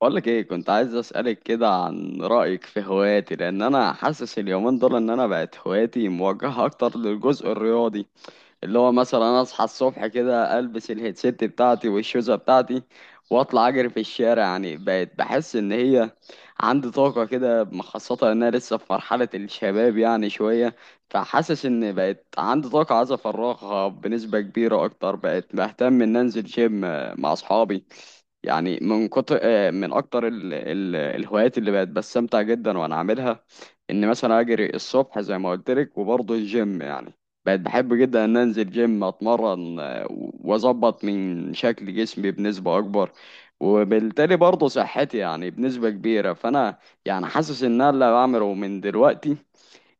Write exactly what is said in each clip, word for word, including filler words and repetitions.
بقولك ايه، كنت عايز اسألك كده عن رأيك في هواياتي لان انا حاسس اليومين دول ان انا بقت هواياتي موجهة اكتر للجزء الرياضي، اللي هو مثلا انا اصحى الصبح كده البس الهيدسيت بتاعتي والشوزه بتاعتي واطلع اجري في الشارع. يعني بقت بحس ان هي عندي طاقه كده خاصه ان انا لسه في مرحله الشباب يعني شويه، فحاسس ان بقت عندي طاقه عايز افرغها بنسبه كبيره اكتر. بقت بهتم ان انزل جيم آه، مع اصحابي يعني. من كتر آه، من اكتر ال... ال... الهوايات اللي بقت بستمتع جدا وانا عاملها ان مثلا اجري الصبح زي ما قلت لك، وبرضه الجيم. يعني بقيت بحب جدا ان انزل جيم اتمرن آه، واظبط من شكل جسمي بنسبة اكبر، وبالتالي برضه صحتي يعني بنسبة كبيرة. فانا يعني حاسس ان انا اللي بعمله من دلوقتي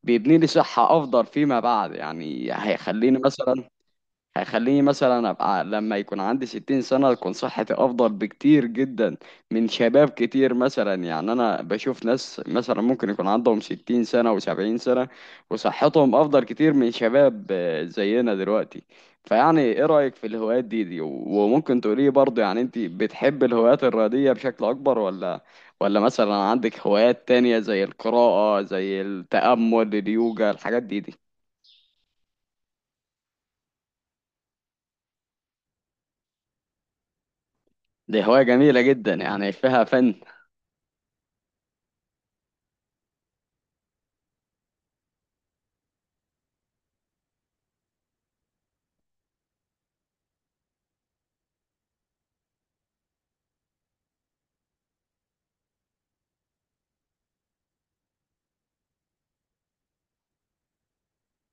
بيبني لي صحة افضل فيما بعد. يعني هيخليني مثلا هيخليني مثلا ابقى لما يكون عندي ستين سنة تكون صحتي افضل بكتير جدا من شباب كتير. مثلا يعني انا بشوف ناس مثلا ممكن يكون عندهم ستين سنة وسبعين سنة وصحتهم افضل كتير من شباب آه، زينا دلوقتي. فيعني ايه رأيك في الهوايات دي دي و- وممكن تقولي برضه يعني انت بتحب الهوايات الرياضية بشكل اكبر؟ ولا ولا مثلا عندك هوايات تانية زي القراءة، زي التأمل، اليوجا، الحاجات دي دي؟ دي هواية جميلة جدا يعني فيها فن.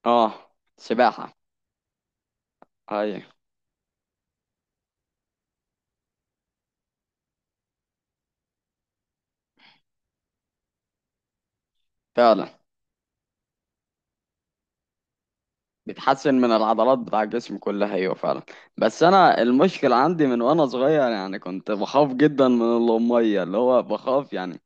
اه، سباحة. ايوه فعلا. بتحسن من العضلات بتاع الجسم كلها، ايوه فعلا. بس انا المشكله عندي من وانا صغير يعني كنت بخاف جدا من الميه، اللي هو بخاف يعني.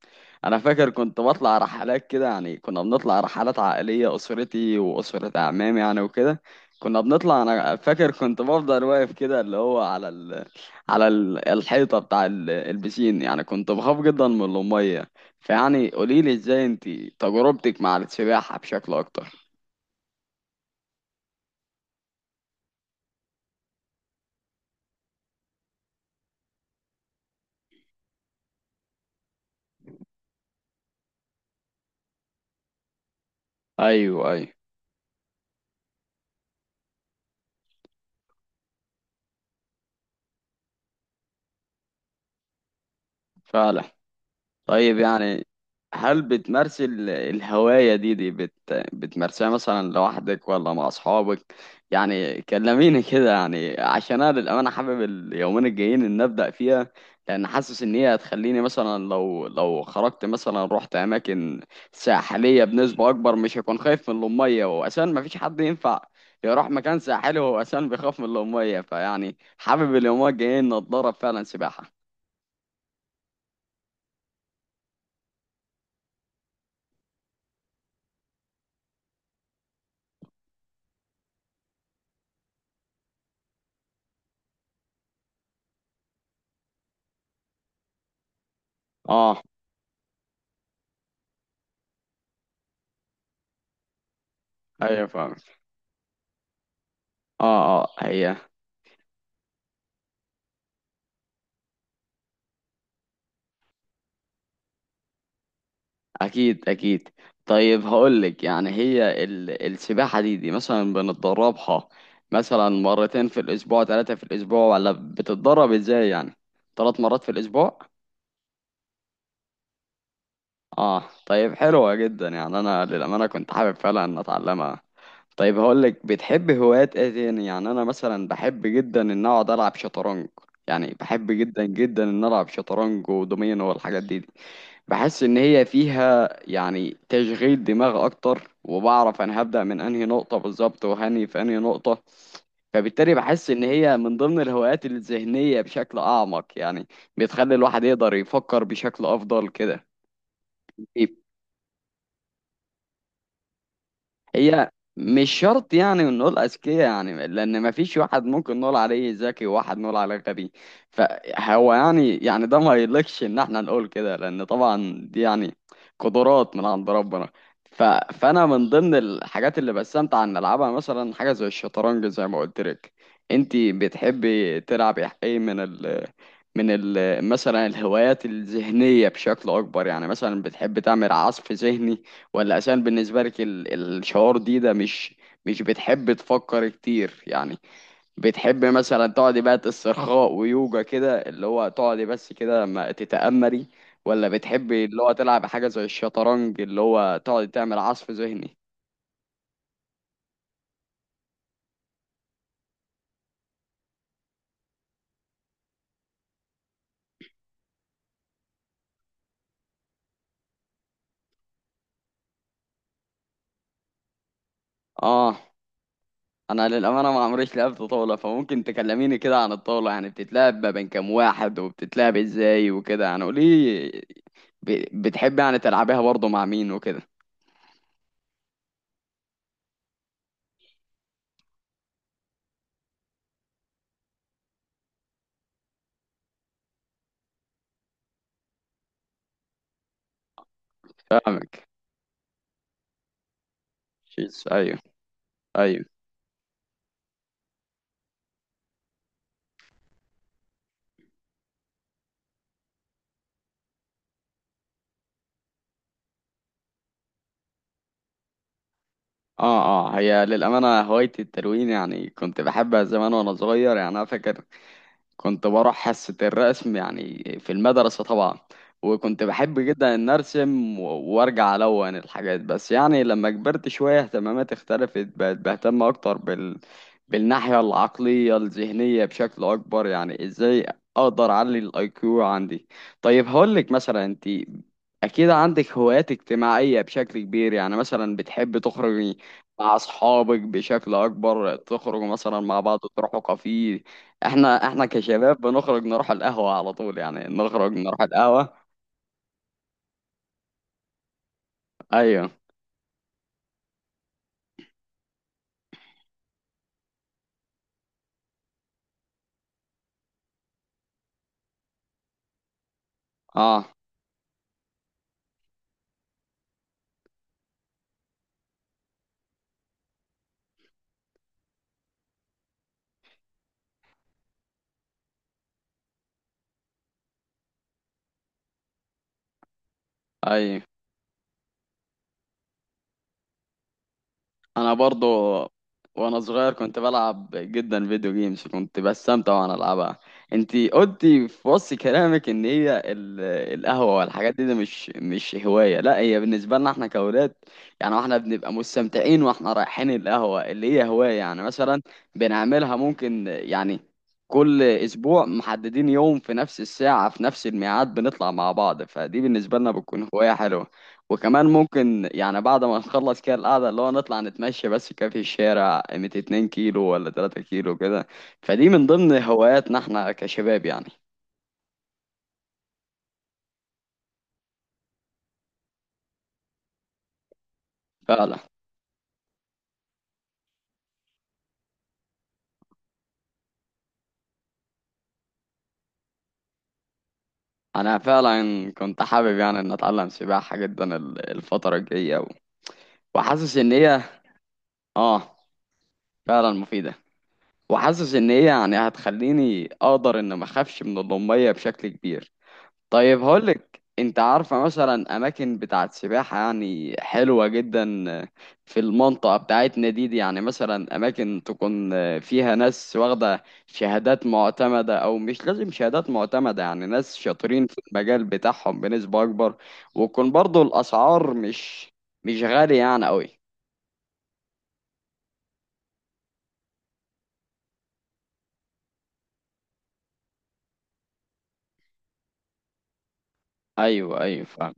انا فاكر كنت بطلع رحلات كده، يعني كنا بنطلع رحلات عائليه اسرتي واسره اعمامي يعني وكده. كنا بنطلع، انا فاكر كنت بفضل واقف كده اللي هو على ال... على ال... الحيطه بتاع ال... البسين، يعني كنت بخاف جدا من الميه. فيعني قوليلي ازاي انتي تجربتك مع السباحه بشكل اكتر. ايوه، ايوه فعلا. طيب يعني، هل بتمارسي ال- الهواية دي دي بت بتمارسيها مثلا لوحدك ولا مع أصحابك؟ يعني كلميني كده، يعني عشان أنا للأمانة حابب اليومين الجايين إن أبدأ فيها، لأن حاسس إن هي هتخليني مثلا لو لو خرجت مثلا رحت أماكن ساحلية بنسبة أكبر مش هكون خايف من المية. وأساسا مفيش حد ينفع يروح مكان ساحلي وهو أساسا بيخاف من المية. فيعني حابب اليومين الجايين إن أتدرب فعلا سباحة. آه. أيوه فاهم. اه اه، هي اكيد اكيد. طيب هقولك، يعني هي ال... السباحة دي دي مثلا بنتدربها مثلا مرتين في الاسبوع، ثلاثة في الاسبوع، ولا بتتدرب ازاي يعني؟ ثلاث مرات في الاسبوع. اه طيب، حلوة جدا. يعني انا للأمانة كنت حابب فعلا ان اتعلمها. طيب هقولك، بتحب هوايات ايه تاني؟ يعني انا مثلا بحب جدا ان اقعد العب شطرنج. يعني بحب جدا جدا ان العب شطرنج ودومينو والحاجات دي. بحس ان هي فيها يعني تشغيل دماغ اكتر، وبعرف انا هبدأ من انهي نقطة بالظبط وهني في انهي نقطة. فبالتالي بحس ان هي من ضمن الهوايات الذهنية بشكل اعمق يعني، بتخلي الواحد يقدر يفكر بشكل افضل كده. هي مش شرط يعني نقول أذكياء، يعني لأن مفيش واحد ممكن نقول عليه ذكي وواحد نقول عليه غبي. فهو يعني، يعني ده ما يليقش إن احنا نقول كده، لأن طبعا دي يعني قدرات من عند ربنا. ف... فأنا من ضمن الحاجات اللي بستمتع إن ألعبها مثلا حاجة زي الشطرنج زي ما قلت لك. أنتي بتحبي تلعبي إيه من ال من ال مثلا الهوايات الذهنية بشكل أكبر؟ يعني مثلا بتحب تعمل عصف ذهني، ولا عشان بالنسبة لك ال- الشعور دي ده مش مش بتحب تفكر كتير يعني؟ بتحب مثلا تقعدي بقى استرخاء ويوجا كده اللي هو تقعدي بس كده ما تتأمري، ولا بتحبي اللي هو تلعب حاجة زي الشطرنج اللي هو تقعدي تعمل عصف ذهني؟ اه، انا للأمانة ما عمريش لعبت طاولة، فممكن تكلميني كده عن الطاولة؟ يعني بتتلعب ما بين كام واحد وبتتلعب ازاي وكده، يعني قولي، ب- بتحبي يعني تلعبيها برضه مع مين وكده؟ فاهمك، شيس، ايوه. ايوه، اه اه. هي للأمانة هوايتي التلوين، يعني كنت بحبها زمان وانا صغير. يعني انا فاكر كنت بروح حصة الرسم يعني في المدرسة طبعا، وكنت بحب جدا ان ارسم و- وارجع الون الحاجات. بس يعني لما كبرت شوية اهتماماتي اختلفت، بقت بهتم اكتر بال... بالناحية العقلية الذهنية بشكل اكبر، يعني ازاي اقدر اعلي الاي كيو عندي. طيب هقولك، مثلا انت اكيد عندك هوايات اجتماعية بشكل كبير، يعني مثلا بتحب تخرجي مع اصحابك بشكل اكبر، تخرجوا مثلا مع بعض تروحوا كافيه. احنا احنا كشباب بنخرج نروح القهوة على طول، يعني نخرج نروح القهوة. ايوه. اه، ايوه، انا برضو. وانا صغير كنت بلعب جدا فيديو جيمز، كنت بستمتع وانا العبها. انت قلتي في وصف كلامك ان هي ال- القهوه والحاجات دي، دي مش مش هوايه، لا هي بالنسبه لنا احنا كاولاد يعني احنا بنبقى مستمتعين واحنا رايحين القهوه اللي هي هوايه. يعني مثلا بنعملها ممكن يعني كل اسبوع محددين يوم في نفس الساعه في نفس الميعاد بنطلع مع بعض، فدي بالنسبه لنا بتكون هوايه حلوه. وكمان ممكن يعني بعد ما نخلص كده القعدة اللي هو نطلع نتمشى بس كده في الشارع قيمة اتنين كيلو ولا ثلاثة كيلو كده، فدي من ضمن هواياتنا احنا كشباب يعني. فعلا. انا فعلا كنت حابب يعني ان اتعلم سباحة جدا ال- الفترة الجاية و- وحاسس ان هي اه فعلا مفيدة. وحاسس ان هي يعني هتخليني اقدر ان ما اخافش من المية بشكل كبير. طيب هقولك، انت عارفة مثلا اماكن بتاعت سباحة يعني حلوة جدا في المنطقة بتاعتنا دي، دي يعني مثلا اماكن تكون فيها ناس واخدة شهادات معتمدة، او مش لازم شهادات معتمدة يعني ناس شاطرين في المجال بتاعهم بنسبة اكبر، ويكون برضو الاسعار مش مش غالية يعني قوي؟ ايوه ايوه فاهم.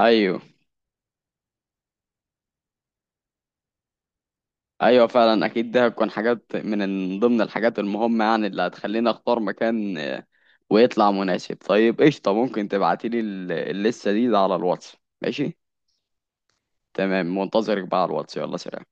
ايوه ايوه فعلا، اكيد ده هتكون حاجات من ضمن الحاجات المهمة يعني اللي هتخليني اختار مكان ويطلع مناسب. طيب قشطة، ممكن تبعتيلي ال- اللسة دي ده على الواتس؟ ماشي، تمام، منتظرك بقى على الواتس، يلا سلام.